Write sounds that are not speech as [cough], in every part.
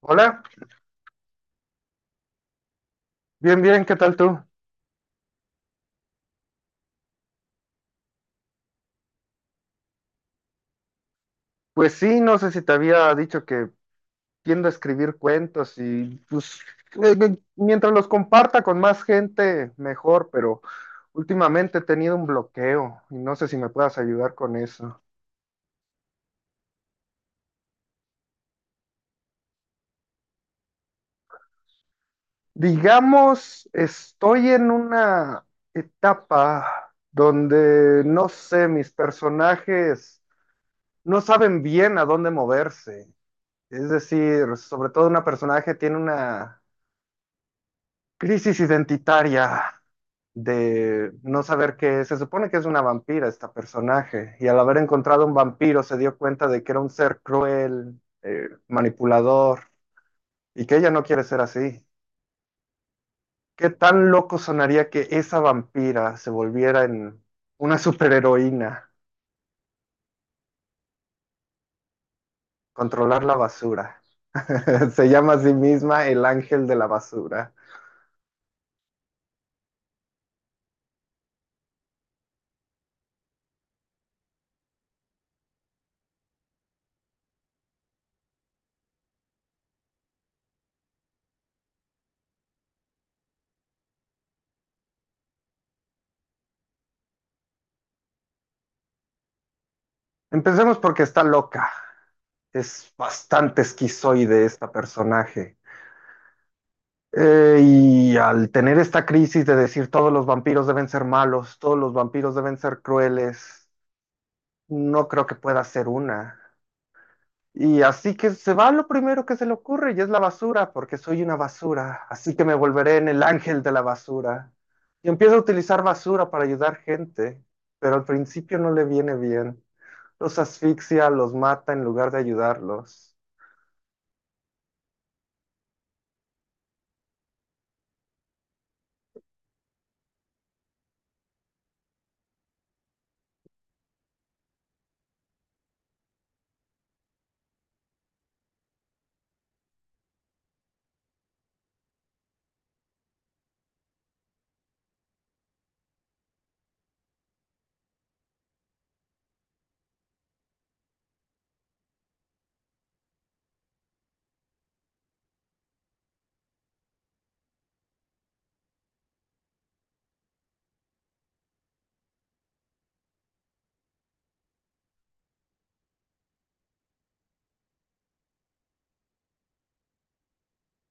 Hola, bien, bien, ¿qué tal tú? Pues sí, no sé si te había dicho que tiendo a escribir cuentos y pues mientras los comparta con más gente, mejor, pero últimamente he tenido un bloqueo y no sé si me puedas ayudar con eso. Digamos, estoy en una etapa donde, no sé, mis personajes no saben bien a dónde moverse. Es decir, sobre todo un personaje tiene una crisis identitaria de no saber qué es. Se supone que es una vampira esta personaje y al haber encontrado un vampiro se dio cuenta de que era un ser cruel, manipulador y que ella no quiere ser así. ¿Qué tan loco sonaría que esa vampira se volviera en una superheroína, controlar la basura? [laughs] Se llama a sí misma el ángel de la basura. Empecemos porque está loca. Es bastante esquizoide esta personaje. Y al tener esta crisis de decir todos los vampiros deben ser malos, todos los vampiros deben ser crueles, no creo que pueda ser una. Y así que se va lo primero que se le ocurre y es la basura, porque soy una basura, así que me volveré en el ángel de la basura. Y empieza a utilizar basura para ayudar gente, pero al principio no le viene bien. Los asfixia, los mata en lugar de ayudarlos.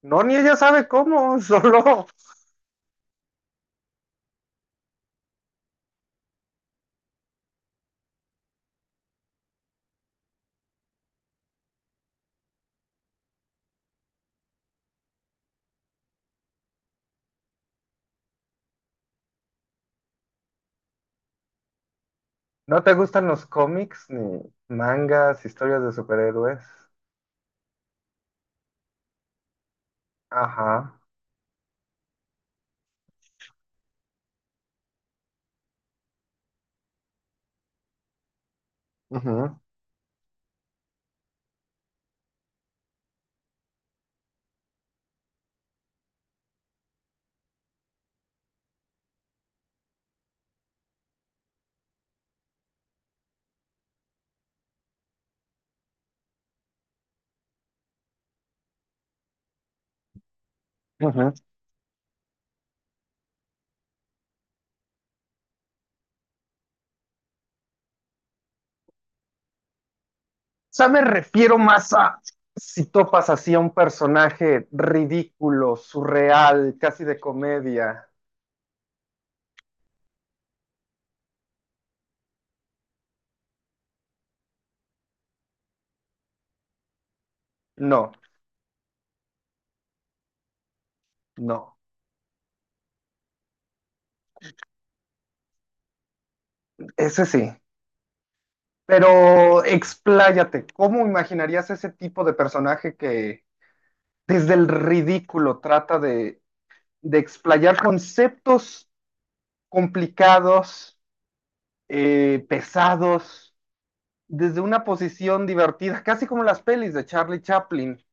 No, ni ella sabe cómo, [laughs] solo. ¿No te gustan los cómics, ni mangas, historias de superhéroes? Ajá. Ujú, ujú. O sea, me refiero más a si topas así a un personaje ridículo, surreal, casi de comedia. No, no. Ese sí. Pero expláyate, ¿cómo imaginarías ese tipo de personaje que desde el ridículo trata de explayar conceptos complicados, pesados? Desde una posición divertida, casi como las pelis de Charlie Chaplin.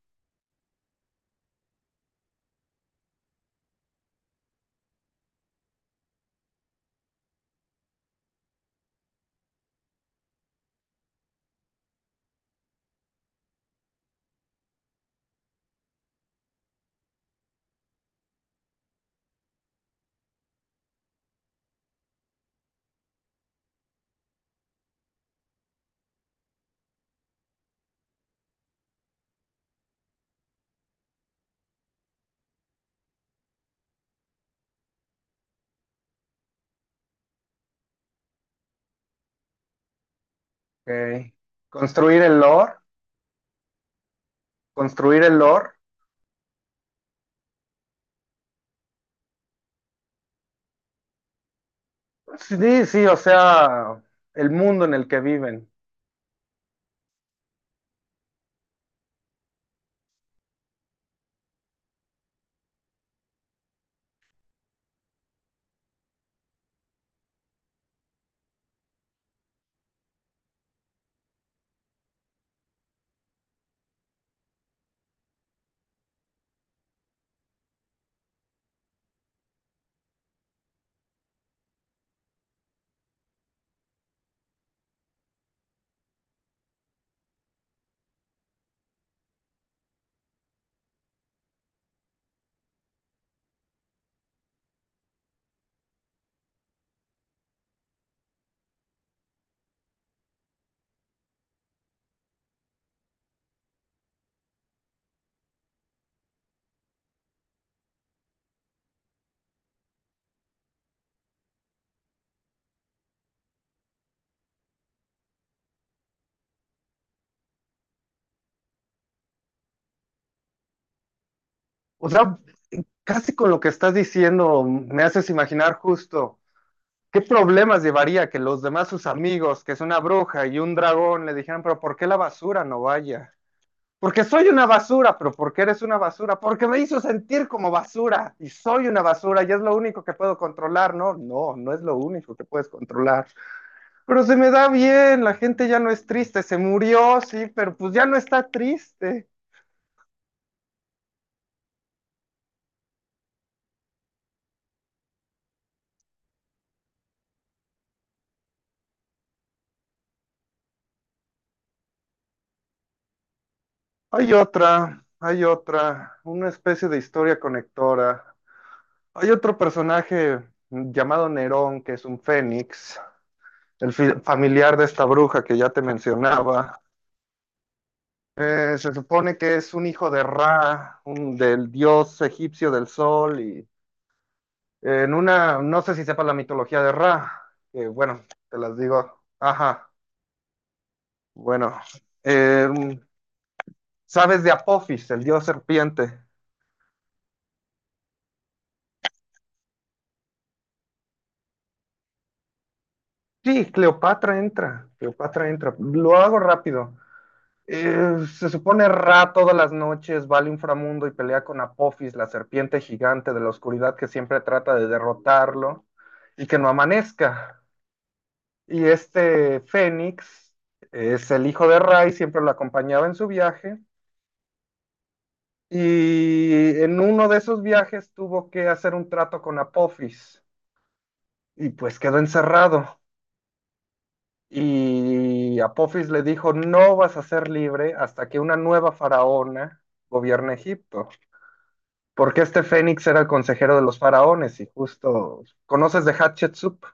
Ok. Construir el lore, construir el lore. Sí, sí, o sea, el mundo en el que viven. O sea, casi con lo que estás diciendo, me haces imaginar justo qué problemas llevaría que los demás, sus amigos, que es una bruja y un dragón, le dijeran, pero ¿por qué la basura no vaya? Porque soy una basura, pero ¿por qué eres una basura, porque me hizo sentir como basura y soy una basura y es lo único que puedo controlar, ¿no? No, no es lo único que puedes controlar. Pero se me da bien, la gente ya no es triste, se murió, sí, pero pues ya no está triste. Hay otra, una especie de historia conectora. Hay otro personaje llamado Nerón, que es un fénix, el familiar de esta bruja que ya te mencionaba. Se supone que es un hijo de Ra, del dios egipcio del sol, y en una, no sé si sepa la mitología de Ra, que bueno, te las digo. Ajá, bueno. eh, ¿Sabes de Apophis, el dios serpiente? Sí, Cleopatra entra, Cleopatra entra. Lo hago rápido. Se supone Ra todas las noches va al inframundo y pelea con Apophis, la serpiente gigante de la oscuridad que siempre trata de derrotarlo y que no amanezca. Y este Fénix es el hijo de Ray, siempre lo acompañaba en su viaje. Y en uno de esos viajes tuvo que hacer un trato con Apophis y pues quedó encerrado. Y Apophis le dijo, no vas a ser libre hasta que una nueva faraona gobierne Egipto, porque este Fénix era el consejero de los faraones y justo, ¿conoces de Hatshepsut?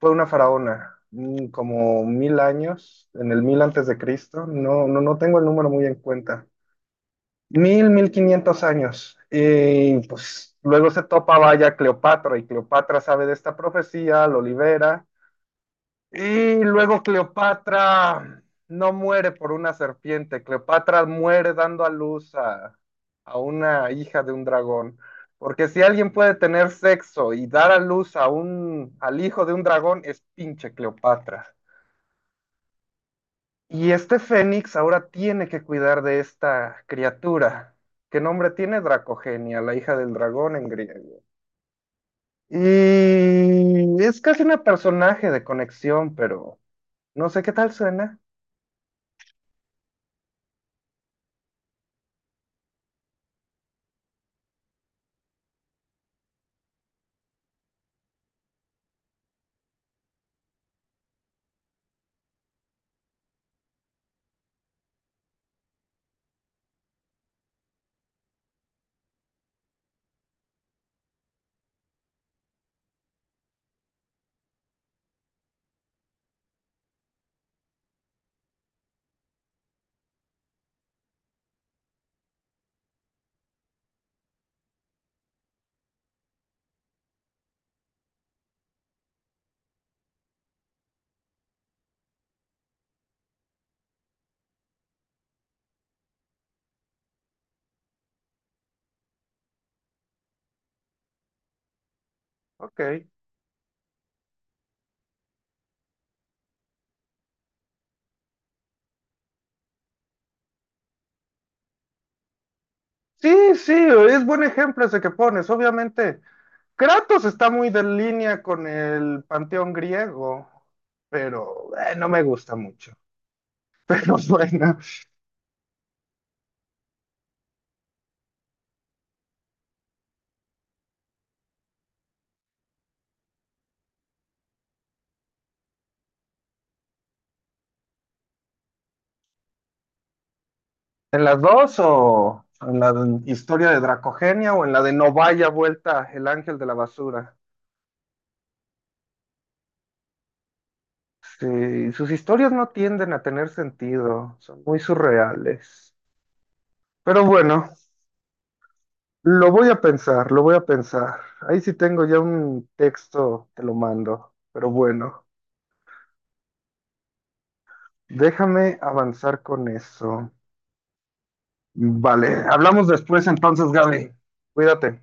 Fue una faraona, como 1000 años, en el 1000 a. C., no, no, no tengo el número muy en cuenta, mil, 1500 años, y pues luego se topa vaya Cleopatra, y Cleopatra sabe de esta profecía, lo libera, y luego Cleopatra no muere por una serpiente, Cleopatra muere dando a luz a una hija de un dragón. Porque si alguien puede tener sexo y dar a luz a al hijo de un dragón, es pinche Cleopatra. Y este Fénix ahora tiene que cuidar de esta criatura. ¿Qué nombre tiene Dracogenia, la hija del dragón en griego? Y es casi una personaje de conexión, pero no sé qué tal suena. Ok. Sí, sí, es buen ejemplo ese que pones. Obviamente, Kratos está muy de línea con el panteón griego, pero no me gusta mucho. [laughs] Pero bueno, en las dos o en la historia de Dracogenia o en la de No vaya vuelta el ángel de la basura. Sí, sus historias no tienden a tener sentido, son muy surreales. Pero bueno, lo voy a pensar, lo voy a pensar. Ahí sí tengo ya un texto, te lo mando, pero bueno. Déjame avanzar con eso. Vale, hablamos después entonces, Gaby. Cuídate.